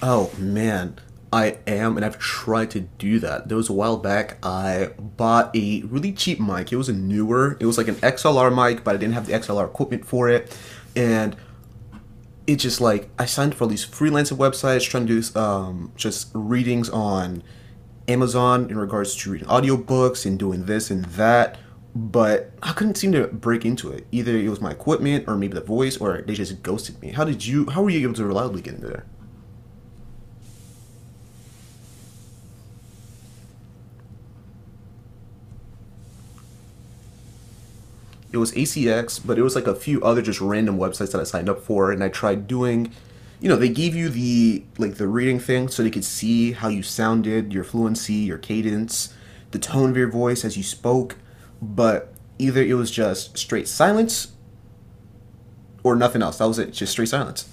Oh man, I am, and I've tried to do that. There was a while back, I bought a really cheap mic. It was like an XLR mic, but I didn't have the XLR equipment for it. And it just like, I signed for all these freelancer websites trying to do just readings on Amazon in regards to reading audiobooks and doing this and that. But I couldn't seem to break into it. Either it was my equipment, or maybe the voice, or they just ghosted me. How did you? How were you able to reliably get into there? It was ACX, but it was like a few other just random websites that I signed up for, and I tried doing. You know, they gave you the reading thing so they could see how you sounded, your fluency, your cadence, the tone of your voice as you spoke, but either it was just straight silence or nothing else. That was it, just straight silence.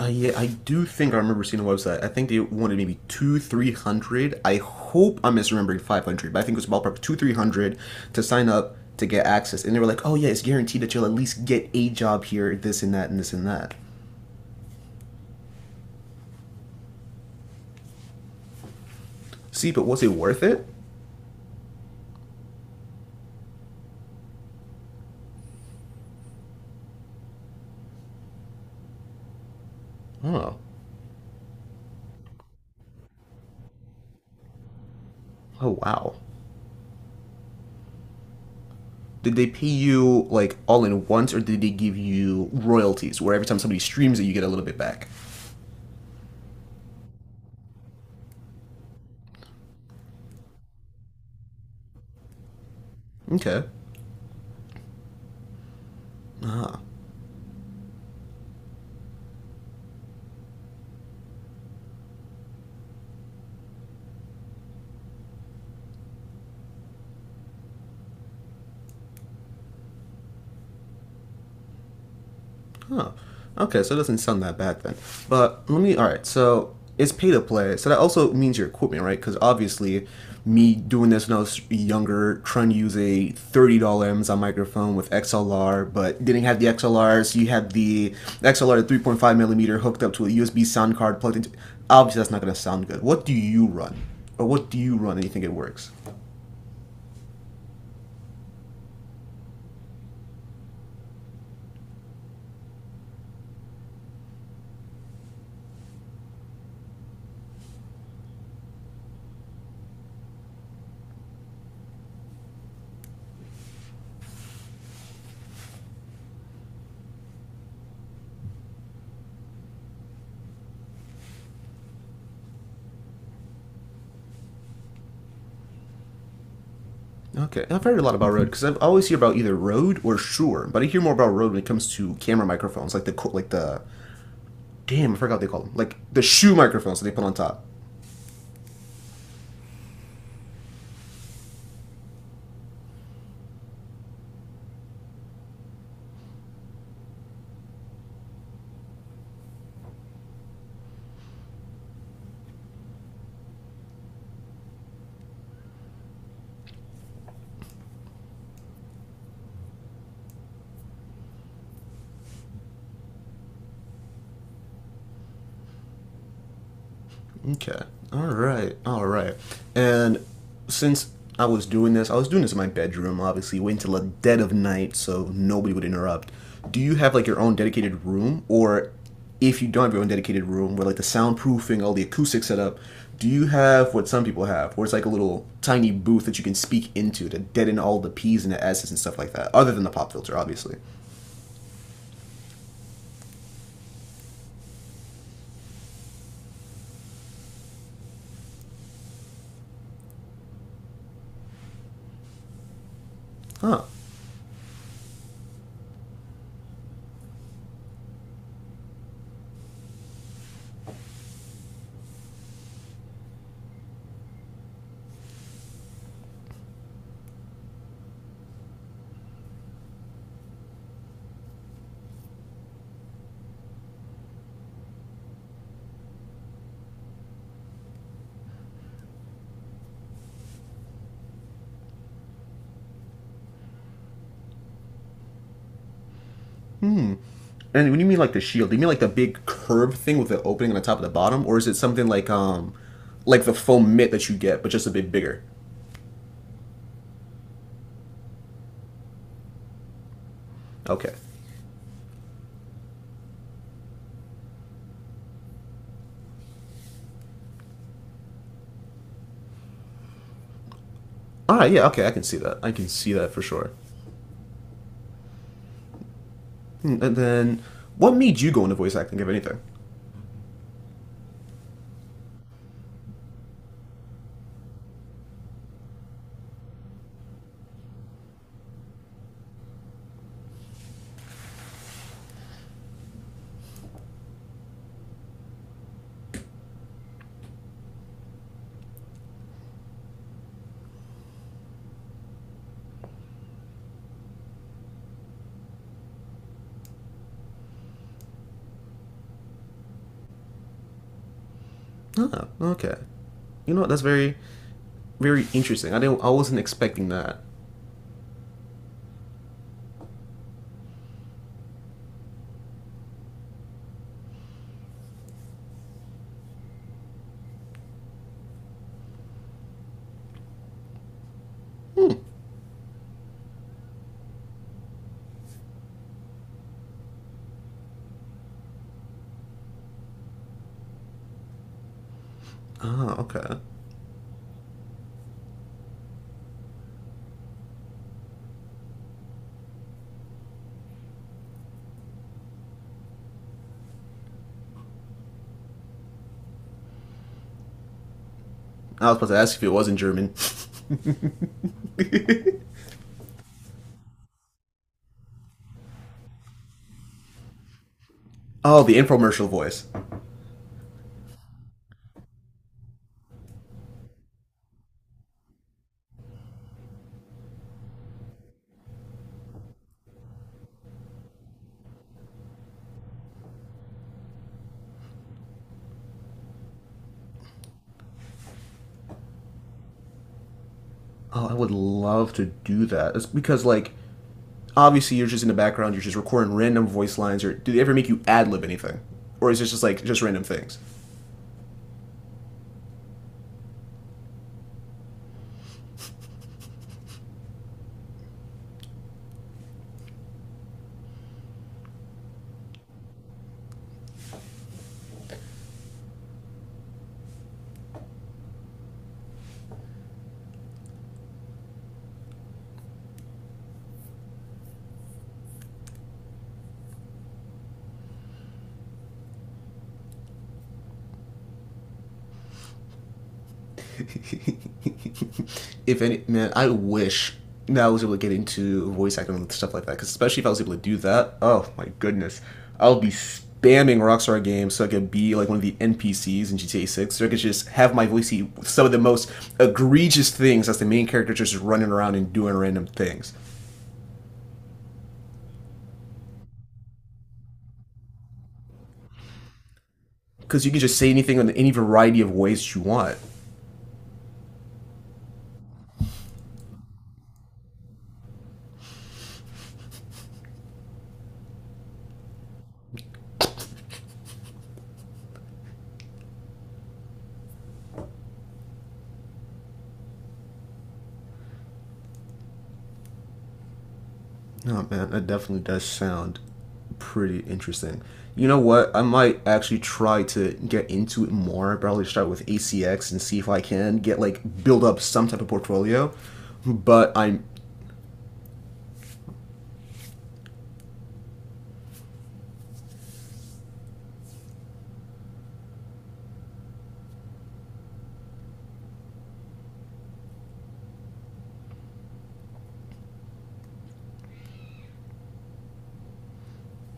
Yeah, I do think I remember seeing a website. I think they wanted maybe two, 300. I hope I'm misremembering 500, but I think it was ballpark two, 300 to sign up to get access. And they were like, "Oh yeah, it's guaranteed that you'll at least get a job here, this and that, and this and that." See, but was it worth it? Oh, oh, wow. Did they pay you like all in once, or did they give you royalties, where every time somebody streams it, you get a little bit back? Okay. Ah, huh. Okay, so it doesn't sound that bad then. But let me. All right, so it's pay to play. So that also means your equipment, right? Because obviously, me doing this when I was younger, trying to use a $30 Amazon microphone with XLR, but didn't have the XLR, so you had the XLR 3.5 millimeter hooked up to a USB sound card plugged into. Obviously, that's not going to sound good. What do you run, and you think it works? Okay, I've heard a lot about Rode because I always hear about either Rode or Shure, but I hear more about Rode when it comes to camera microphones, like the damn I forgot what they call them, like the shoe microphones that they put on top. Okay. All right. All right. And since I was doing this in my bedroom, obviously, waiting till the dead of night so nobody would interrupt. Do you have like your own dedicated room, or if you don't have your own dedicated room, where like the soundproofing, all the acoustic setup, do you have what some people have, where it's like a little tiny booth that you can speak into to deaden all the p's and the s's and stuff like that, other than the pop filter, obviously? Huh. And when you mean like the shield, do you mean like the big curved thing with the opening on the top of the bottom, or is it something like the foam mitt that you get, but just a bit bigger? Okay. All right. Yeah. Okay. I can see that. I can see that for sure. Hmm, and then, what made you go into voice acting, if anything? Ah. Okay. You know what? That's very, very interesting. I didn't. I wasn't expecting that. Hmm. Ah. Okay. I was about to ask if it was in German. Oh, the infomercial voice. Oh, I would love to do that. It's because like obviously, you're just in the background. You're just recording random voice lines. Or do they ever make you ad lib anything, or is it just like just random things? If any, man, I wish that I was able to get into voice acting and stuff like that. Because especially if I was able to do that, oh my goodness, I'll be spamming Rockstar Games so I could be like one of the NPCs in GTA 6. So I could just have my voice see some of the most egregious things as the main character just running around and doing random things. Because you can just say anything in any variety of ways you want. No, man, that definitely does sound pretty interesting. You know what? I might actually try to get into it more. Probably start with ACX and see if I can get like build up some type of portfolio. But I'm,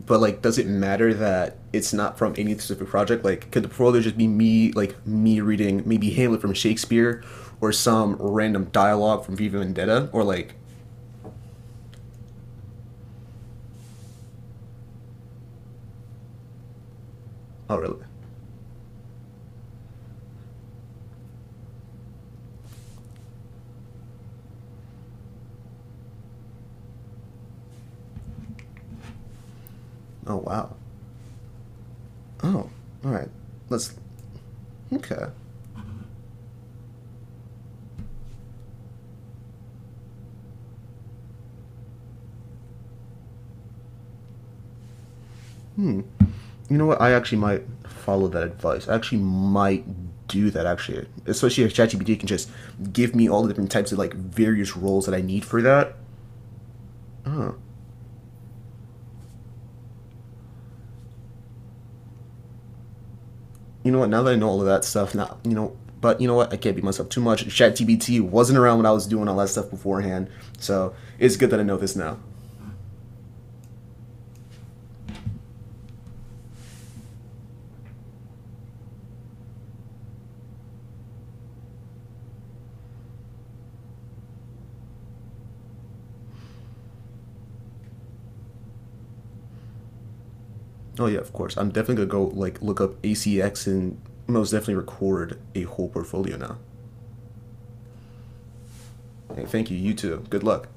but like, does it matter that it's not from any specific project? Like, could the portfolio just be me, like me reading maybe Hamlet from Shakespeare, or some random dialogue from Viva Vendetta, or like, oh really? Oh wow. Oh, all right. Let's. Okay. Hmm. You know what? I actually might follow that advice. I actually might do that actually. Especially if ChatGPT can just give me all the different types of like various roles that I need for that. Oh. You know what? Now that I know all of that stuff, now you know. But you know what? I can't beat myself too much. ChatGPT wasn't around when I was doing all that stuff beforehand, so it's good that I know this now. Oh yeah, of course. I'm definitely gonna go like look up ACX and most definitely record a whole portfolio now. Hey, thank you. You too. Good luck.